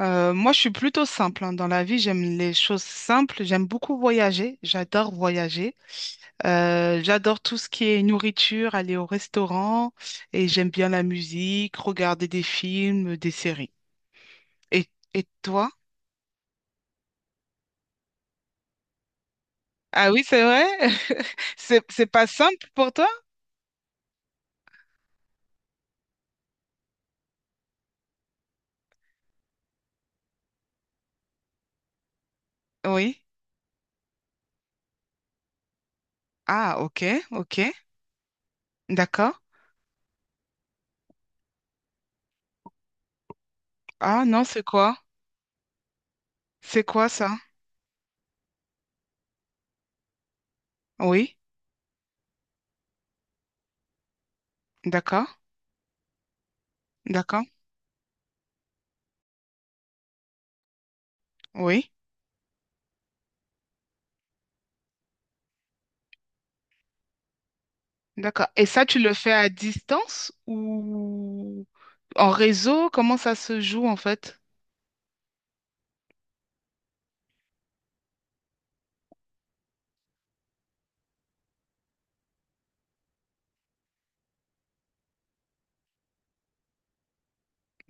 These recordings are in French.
Moi, je suis plutôt simple, hein. Dans la vie, j'aime les choses simples. J'aime beaucoup voyager. J'adore voyager. J'adore tout ce qui est nourriture, aller au restaurant. Et j'aime bien la musique, regarder des films, des séries. Et, et toi? Ah oui, c'est vrai? C'est pas simple pour toi? Oui. Ah, ok, ok. D'accord. Ah non, c'est quoi? C'est quoi ça? Oui. D'accord. D'accord. Oui. D'accord. Et ça, tu le fais à distance ou en réseau? Comment ça se joue en fait?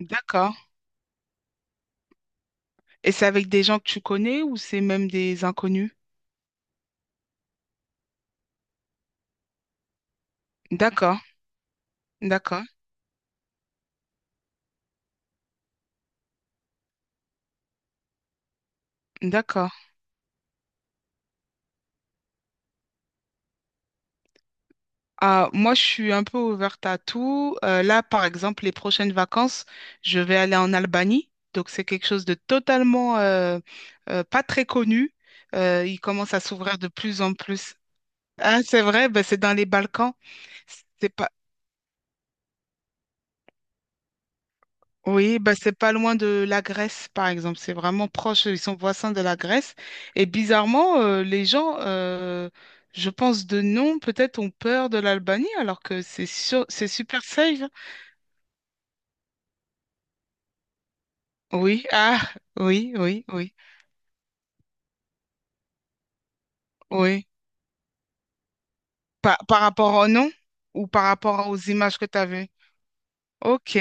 D'accord. Et c'est avec des gens que tu connais ou c'est même des inconnus? D'accord, d'accord, d'accord. Ah, moi, je suis un peu ouverte à tout. Là, par exemple, les prochaines vacances, je vais aller en Albanie. Donc, c'est quelque chose de totalement pas très connu. Il commence à s'ouvrir de plus en plus. Ah, c'est vrai, ben, c'est dans les Balkans. C'est pas, Oui, bah c'est pas loin de la Grèce, par exemple. C'est vraiment proche, ils sont voisins de la Grèce. Et bizarrement, les gens, je pense de nom, peut-être ont peur de l'Albanie, alors que c'est sûr, c'est super safe. Oui, ah, oui, oui, oui, oui. Par rapport au nom ou par rapport aux images que tu as vues? Ok.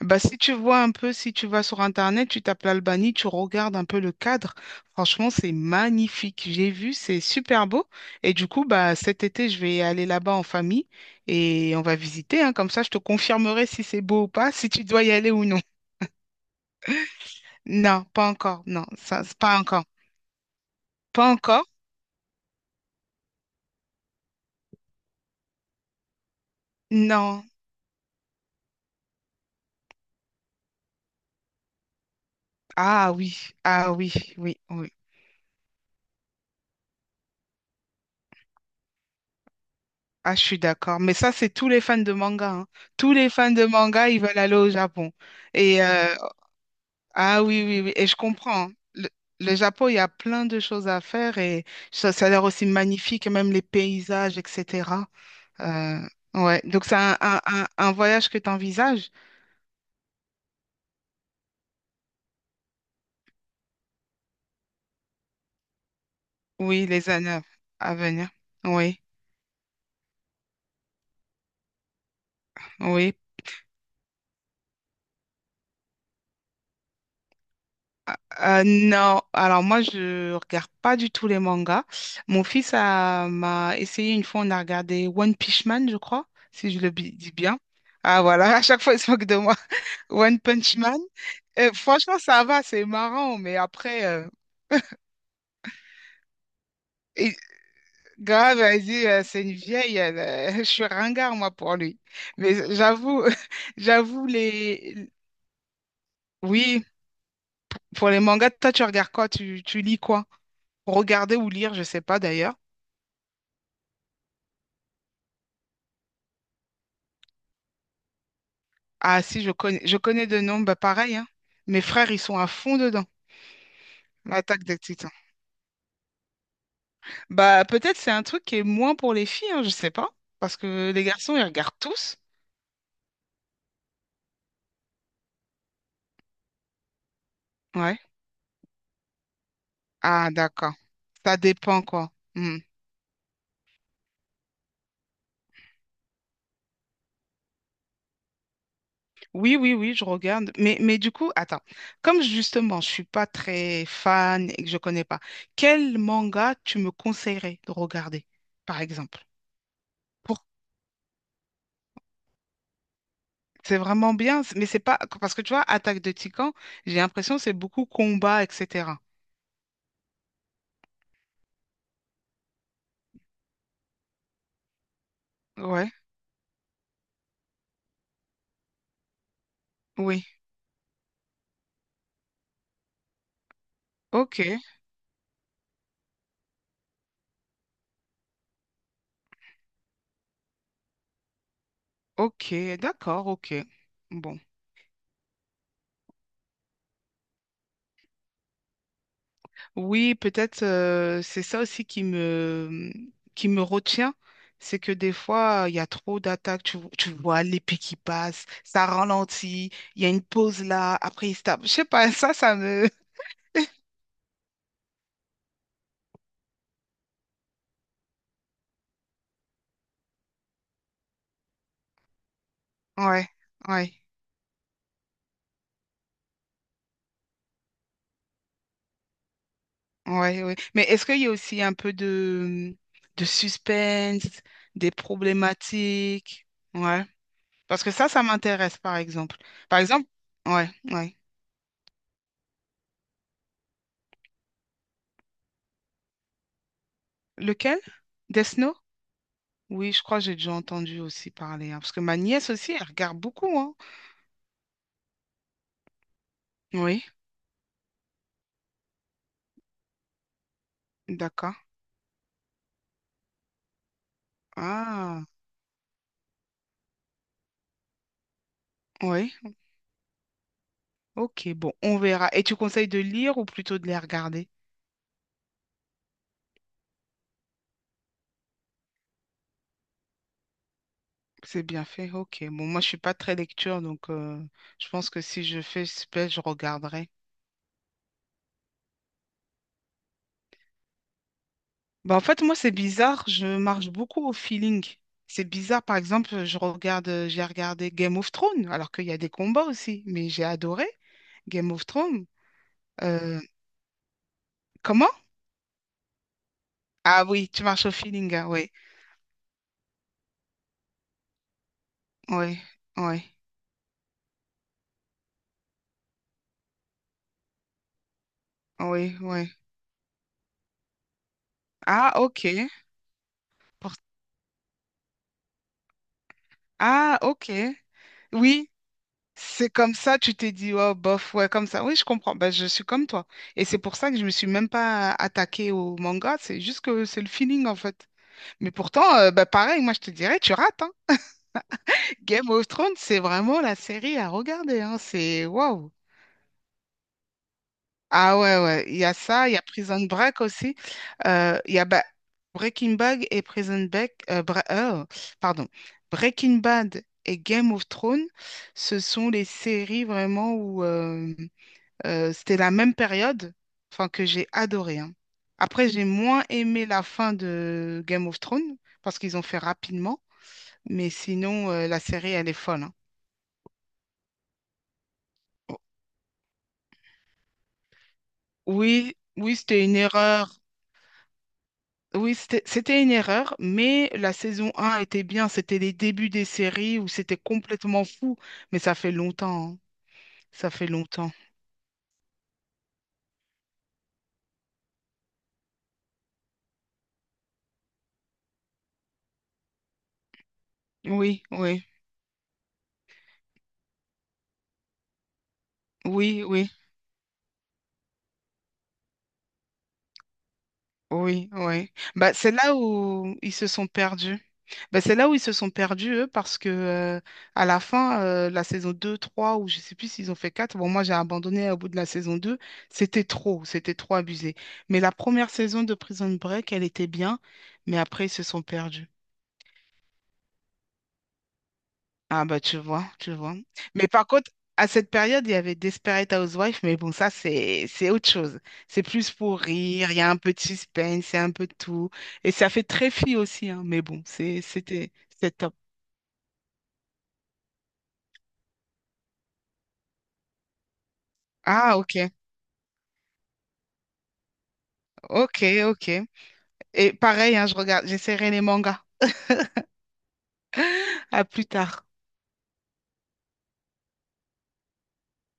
Bah, si tu vois un peu, si tu vas sur Internet, tu tapes l'Albanie, tu regardes un peu le cadre. Franchement, c'est magnifique. J'ai vu, c'est super beau. Et du coup, bah, cet été, je vais aller là-bas en famille et on va visiter, hein. Comme ça, je te confirmerai si c'est beau ou pas, si tu dois y aller ou non. Non, pas encore. Non, ça, c'est pas encore. Pas encore? Non. Ah oui, ah oui, oui, oui. Ah, je suis d'accord. Mais ça, c'est tous les fans de manga, hein. Tous les fans de manga, ils veulent aller au Japon. Et euh, Ah oui, oui, oui, et je comprends, hein. Le Japon, il y a plein de choses à faire et ça a l'air aussi magnifique, et même les paysages, etc. Euh, ouais, donc c'est un voyage que tu envisages? Oui, les années à venir. Oui, oui. Non, alors moi je regarde pas du tout les mangas. Mon fils a m'a essayé une fois, on a regardé One Punch Man, je crois, si je dis bien. Ah voilà, à chaque fois il se moque de moi. One Punch Man. Franchement, ça va, c'est marrant, mais et- grave, elle dit, c'est une vieille, elle, je suis ringard, moi, pour lui. Mais j'avoue, j'avoue, les... Oui, pour les mangas, toi, tu regardes quoi? Tu lis quoi? Regarder ou lire, je sais pas d'ailleurs. Ah si, je connais de nom, bah pareil, hein. Mes frères, ils sont à fond dedans, l'attaque des Titans. Bah peut-être c'est un truc qui est moins pour les filles, hein, je sais pas, parce que les garçons, ils regardent tous. Ouais. Ah d'accord. Ça dépend quoi. Hmm. Oui, oui, oui, je regarde. Mais du coup, attends, comme justement, je suis pas très fan et que je connais pas, quel manga tu me conseillerais de regarder, par exemple? Pour- C'est vraiment bien, c- mais c'est pas parce que tu vois, Attaque de Titans, j'ai l'impression que c'est beaucoup combat, etc. Ouais, oui. Ok, ok, d'accord, ok. Bon. Oui, peut-être, c'est ça aussi qui me retient, c'est que des fois, il y a trop d'attaques, tu vois l'épée qui passe, ça ralentit, il y a une pause là, après il se tape. Je sais pas, ça me... Ouais, ouais, ouais. Mais est-ce qu'il y a aussi un peu de suspense, des problématiques? Ouais. Parce que ça m'intéresse, par exemple. Par exemple, ouais, ouais. Lequel? Death Note. Oui, je crois que j'ai déjà entendu aussi parler, hein, parce que ma nièce aussi, elle regarde beaucoup, hein. Oui, d'accord. Ah, oui. Ok, bon, on verra. Et tu conseilles de lire ou plutôt de les regarder? C'est bien fait. Ok. Bon, moi, je suis pas très lecture, donc je pense que si je fais spell, je regarderai. Bah, en fait, moi, c'est bizarre. Je marche beaucoup au feeling. C'est bizarre. Par exemple, j'ai regardé Game of Thrones, alors qu'il y a des combats aussi, mais j'ai adoré Game of Thrones. Euh, Comment? Ah oui, tu marches au feeling, ah, oui. Oui, oui, oui, oui. Ah, ok. Pour- Ah, ok. Oui, c'est comme ça, tu t'es dit, oh, bof, ouais, comme ça. Oui, je comprends. Ben, je suis comme toi. Et c'est pour ça que je me suis même pas attaquée au manga. C'est juste que c'est le feeling, en fait. Mais pourtant, ben, pareil, moi, je te dirais, tu rates, hein. Game of Thrones, c'est vraiment la série à regarder, hein. C'est waouh. Ah ouais, ouais, il y a ça, il y a Prison Break aussi. Il y a ba- Breaking Bad et Prison Break, pardon, Breaking Bad et Game of Thrones, ce sont les séries vraiment où c'était la même période, enfin que j'ai adoré, hein. Après, j'ai moins aimé la fin de Game of Thrones parce qu'ils ont fait rapidement, mais sinon, la série, elle est folle, hein. Oui, oui, c'était une erreur. Oui, c'était une erreur, mais la saison 1 était bien. C'était les débuts des séries où c'était complètement fou. Mais ça fait longtemps, hein. Ça fait longtemps. Oui, oui, oui, oui, oui, oui. Bah, c'est là où ils se sont perdus. Bah, c'est là où ils se sont perdus, eux, parce que à la fin, la saison 2, 3, ou je sais plus s'ils ont fait 4, bon, moi j'ai abandonné au bout de la saison 2, c'était trop abusé. Mais la première saison de Prison Break, elle était bien, mais après ils se sont perdus. Ah bah tu vois, tu vois. Mais par contre, à cette période, il y avait Desperate Housewives, mais bon, ça c'est autre chose. C'est plus pour rire, il y a un peu de suspense, c'est un peu de tout. Et ça fait très fille aussi, hein, mais bon, c'était top. Ah ok, ok, ok. Et pareil, hein, je regarde, j'essaierai les mangas. À plus tard.